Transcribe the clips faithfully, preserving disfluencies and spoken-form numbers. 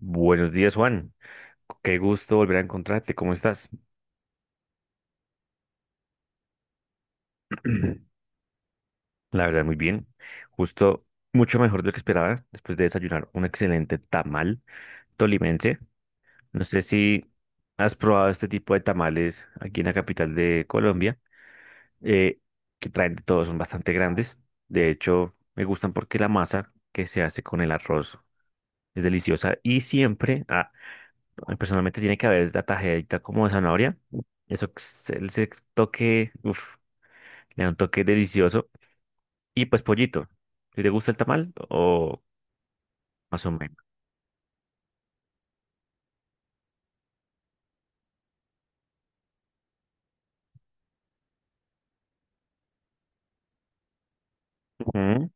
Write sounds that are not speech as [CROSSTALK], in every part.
Buenos días, Juan. Qué gusto volver a encontrarte. ¿Cómo estás? [CLEARS THROAT] La verdad, muy bien. Justo mucho mejor de lo que esperaba después de desayunar un excelente tamal tolimense. No sé si has probado este tipo de tamales aquí en la capital de Colombia, eh, que traen de todo, son bastante grandes. De hecho, me gustan porque la masa que se hace con el arroz es deliciosa y siempre, ah, personalmente, tiene que haber la tajadita como de zanahoria. Eso, el toque, uff. Le da un toque delicioso. Y pues pollito. ¿Si te gusta el tamal o más o menos? Ujú.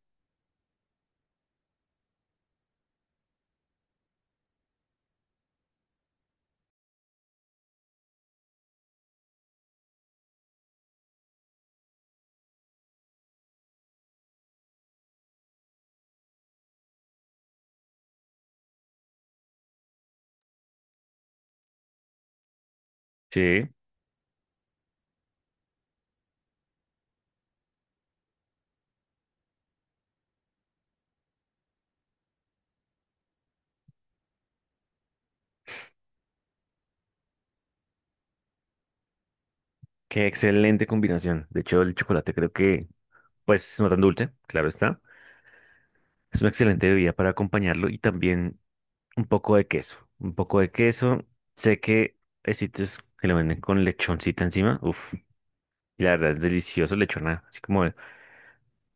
Sí, qué excelente combinación. De hecho, el chocolate creo que, pues, no tan dulce, claro está. Es una excelente bebida para acompañarlo y también un poco de queso. Un poco de queso. Sé que hay sitios que lo venden con lechoncita encima. Uf, y la verdad es delicioso lechona. Así como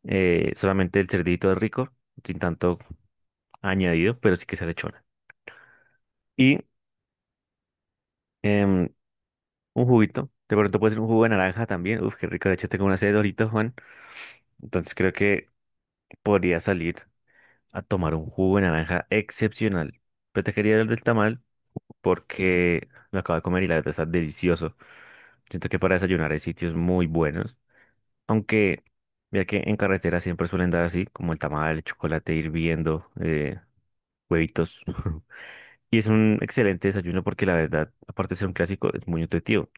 eh, solamente el cerdito es rico, sin tanto añadido, pero sí que sea lechona. Y em, un juguito. De pronto puede ser un jugo de naranja también. Uf, qué rico. De hecho, tengo una sed de Doritos, Juan. Entonces creo que podría salir a tomar un jugo de naranja excepcional. Pero te quería dar del tamal porque lo acabo de comer y la verdad está delicioso. Siento que para desayunar hay sitios muy buenos. Aunque, mira que en carretera siempre suelen dar así, como el tamal, el chocolate hirviendo, eh, huevitos. [LAUGHS] Y es un excelente desayuno porque la verdad, aparte de ser un clásico, es muy nutritivo.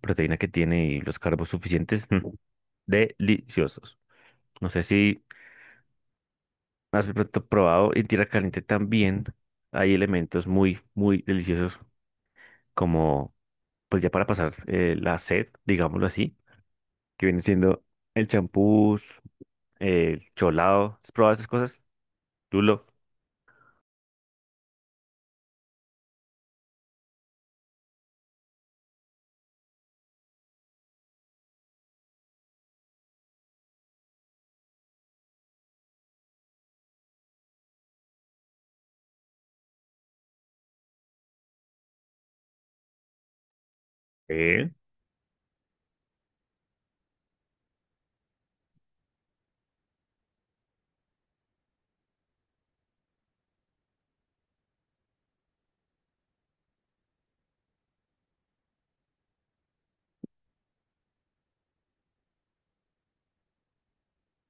Proteína que tiene y los carbos suficientes. mm, Deliciosos. No sé si has de pronto probado en tierra caliente también hay elementos muy, muy deliciosos como, pues ya para pasar eh, la sed, digámoslo así, que viene siendo el champús, el cholado. ¿Has probado esas cosas? Lulo. Eh,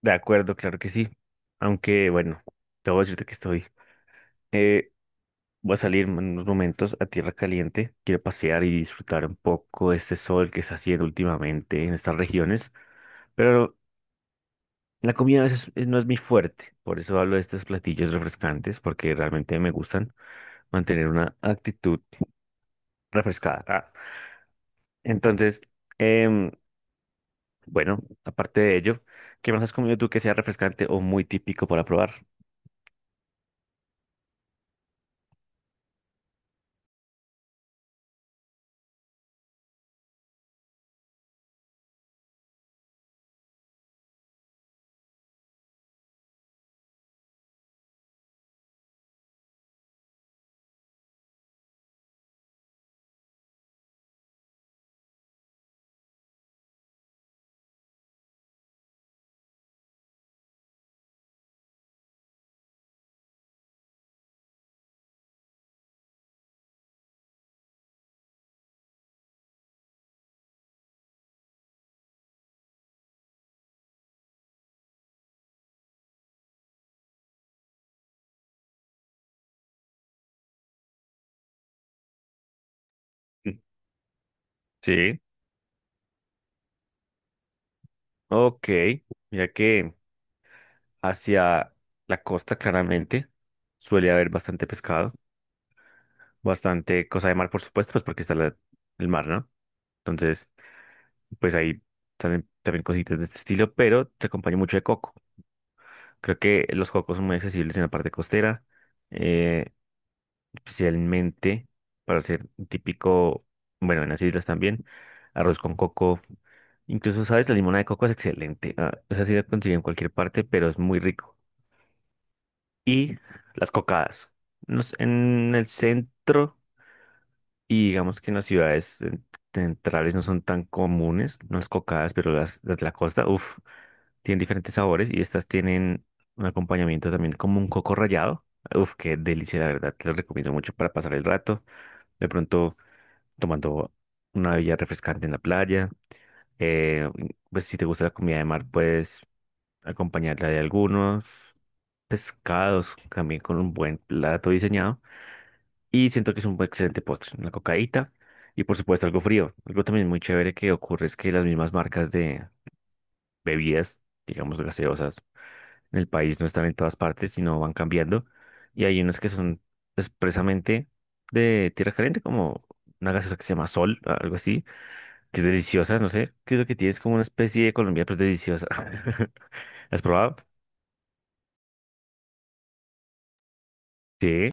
De acuerdo, claro que sí. Aunque bueno, debo decirte que estoy eh, voy a salir en unos momentos a tierra caliente. Quiero pasear y disfrutar un poco de este sol que está haciendo últimamente en estas regiones. Pero la comida a veces es- no es mi fuerte. Por eso hablo de estos platillos refrescantes, porque realmente me gustan mantener una actitud refrescada. Ah, Entonces, em, bueno, aparte de ello, ¿qué más has comido tú que sea refrescante o muy típico para probar? Mm, Sí, ok. Mira que hacia la costa claramente suele haber bastante pescado. Bastante cosa de mar, por supuesto, pues porque está la- el mar, ¿no? Entonces, pues ahí salen también cositas de este estilo, pero se acompaña mucho de coco. Creo que los cocos son muy accesibles en la parte costera, eh, especialmente para hacer un típico, bueno, en las islas también, arroz con coco. Incluso, ¿sabes? La limonada de coco es excelente. Ah, esa sí la consigo en cualquier parte, pero es muy rico. Y las cocadas. No sé, en el centro. Y digamos que en las ciudades eh, centrales no son tan comunes las cocadas, pero las, las de la costa, uff, tienen diferentes sabores y estas tienen un acompañamiento también como un coco rallado. Uff, qué delicia, la verdad, te lo recomiendo mucho para pasar el rato. De pronto tomando una bebida refrescante en la playa. eh, pues si te gusta la comida de mar, puedes acompañarla de algunos pescados también con un buen plato diseñado. Y siento que es un excelente postre, una cocaíta y por supuesto algo frío. Algo también muy chévere que ocurre es que las mismas marcas de bebidas, digamos gaseosas, en el país no están en todas partes, sino van cambiando. Y hay unas que son expresamente de tierra caliente, como una gaseosa que se llama Sol, a- algo así, que es deliciosa, no sé, que es lo que tienes como una especie de Colombia, pero es deliciosa. [LAUGHS] ¿La has probado? Sí,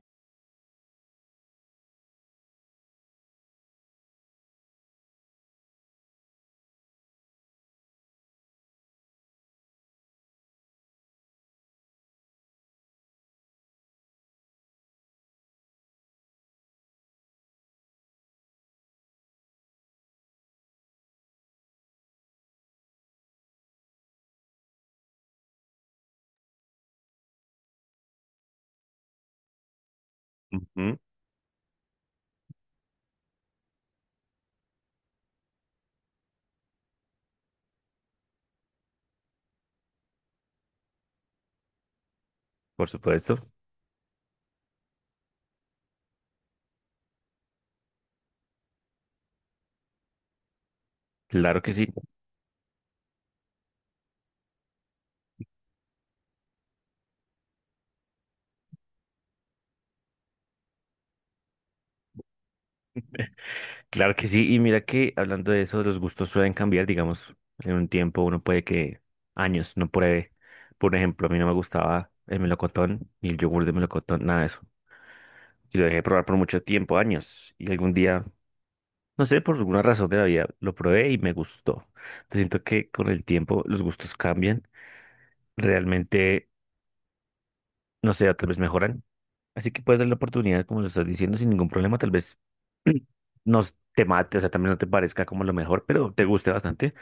ujú, por supuesto, claro que sí. [LAUGHS] Claro que sí, y mira que hablando de eso, los gustos suelen cambiar, digamos, en un tiempo uno puede que años no pruebe. Por ejemplo, a mí no me gustaba el melocotón ni el yogur de melocotón, nada de eso. Y lo dejé de probar por mucho tiempo, años. Y algún día, no sé, por alguna razón de la vida, lo probé y me gustó. Entonces, siento que con el tiempo los gustos cambian, realmente, no sé, tal vez mejoran. Así que puedes dar la oportunidad, como lo estás diciendo, sin ningún problema, tal vez [CLEARS THROAT] no te mate, o sea, también no te parezca como lo mejor, pero te guste bastante.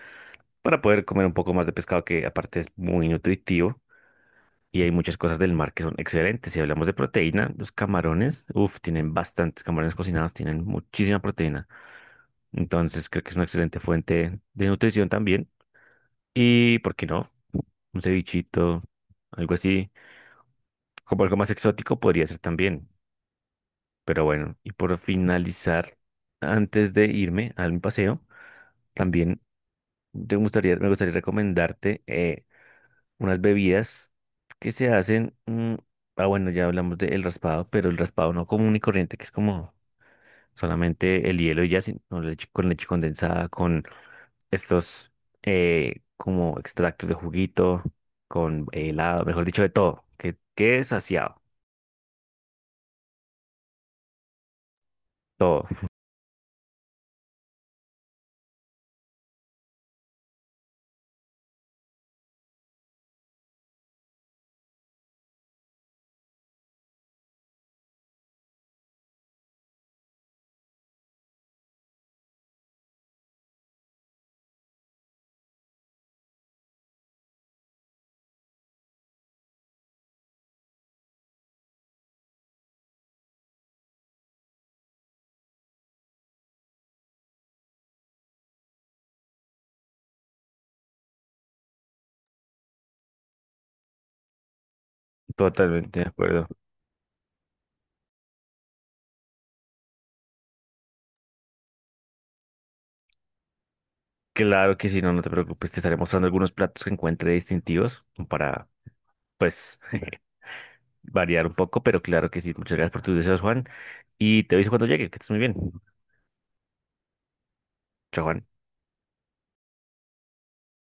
Para poder comer un poco más de pescado que aparte es muy nutritivo y hay muchas cosas del mar que son excelentes. Si hablamos de proteína, los camarones, uff, tienen bastantes camarones cocinados, tienen muchísima proteína. Entonces creo que es una excelente fuente de nutrición también. Y, ¿por qué no? Un cevichito, algo así, como algo más exótico podría ser también. Pero bueno, y por finalizar, antes de irme al paseo, también te gustaría, me gustaría recomendarte eh, unas bebidas que se hacen. mm, ah, bueno, ya hablamos del raspado, pero el raspado no común y corriente, que es como solamente el hielo y ya, sino leche, con leche condensada, con estos eh, como extractos de juguito, con helado, mejor dicho, de todo. Que, que es saciado, todo, totalmente de acuerdo. Claro que si no, no te preocupes, te estaré mostrando algunos platos que encuentre distintivos para, pues. [LAUGHS] Variar un poco, pero claro que sí. Muchas gracias por tus deseos, Juan. Y te aviso cuando llegue, que estés muy bien. Chao, Juan.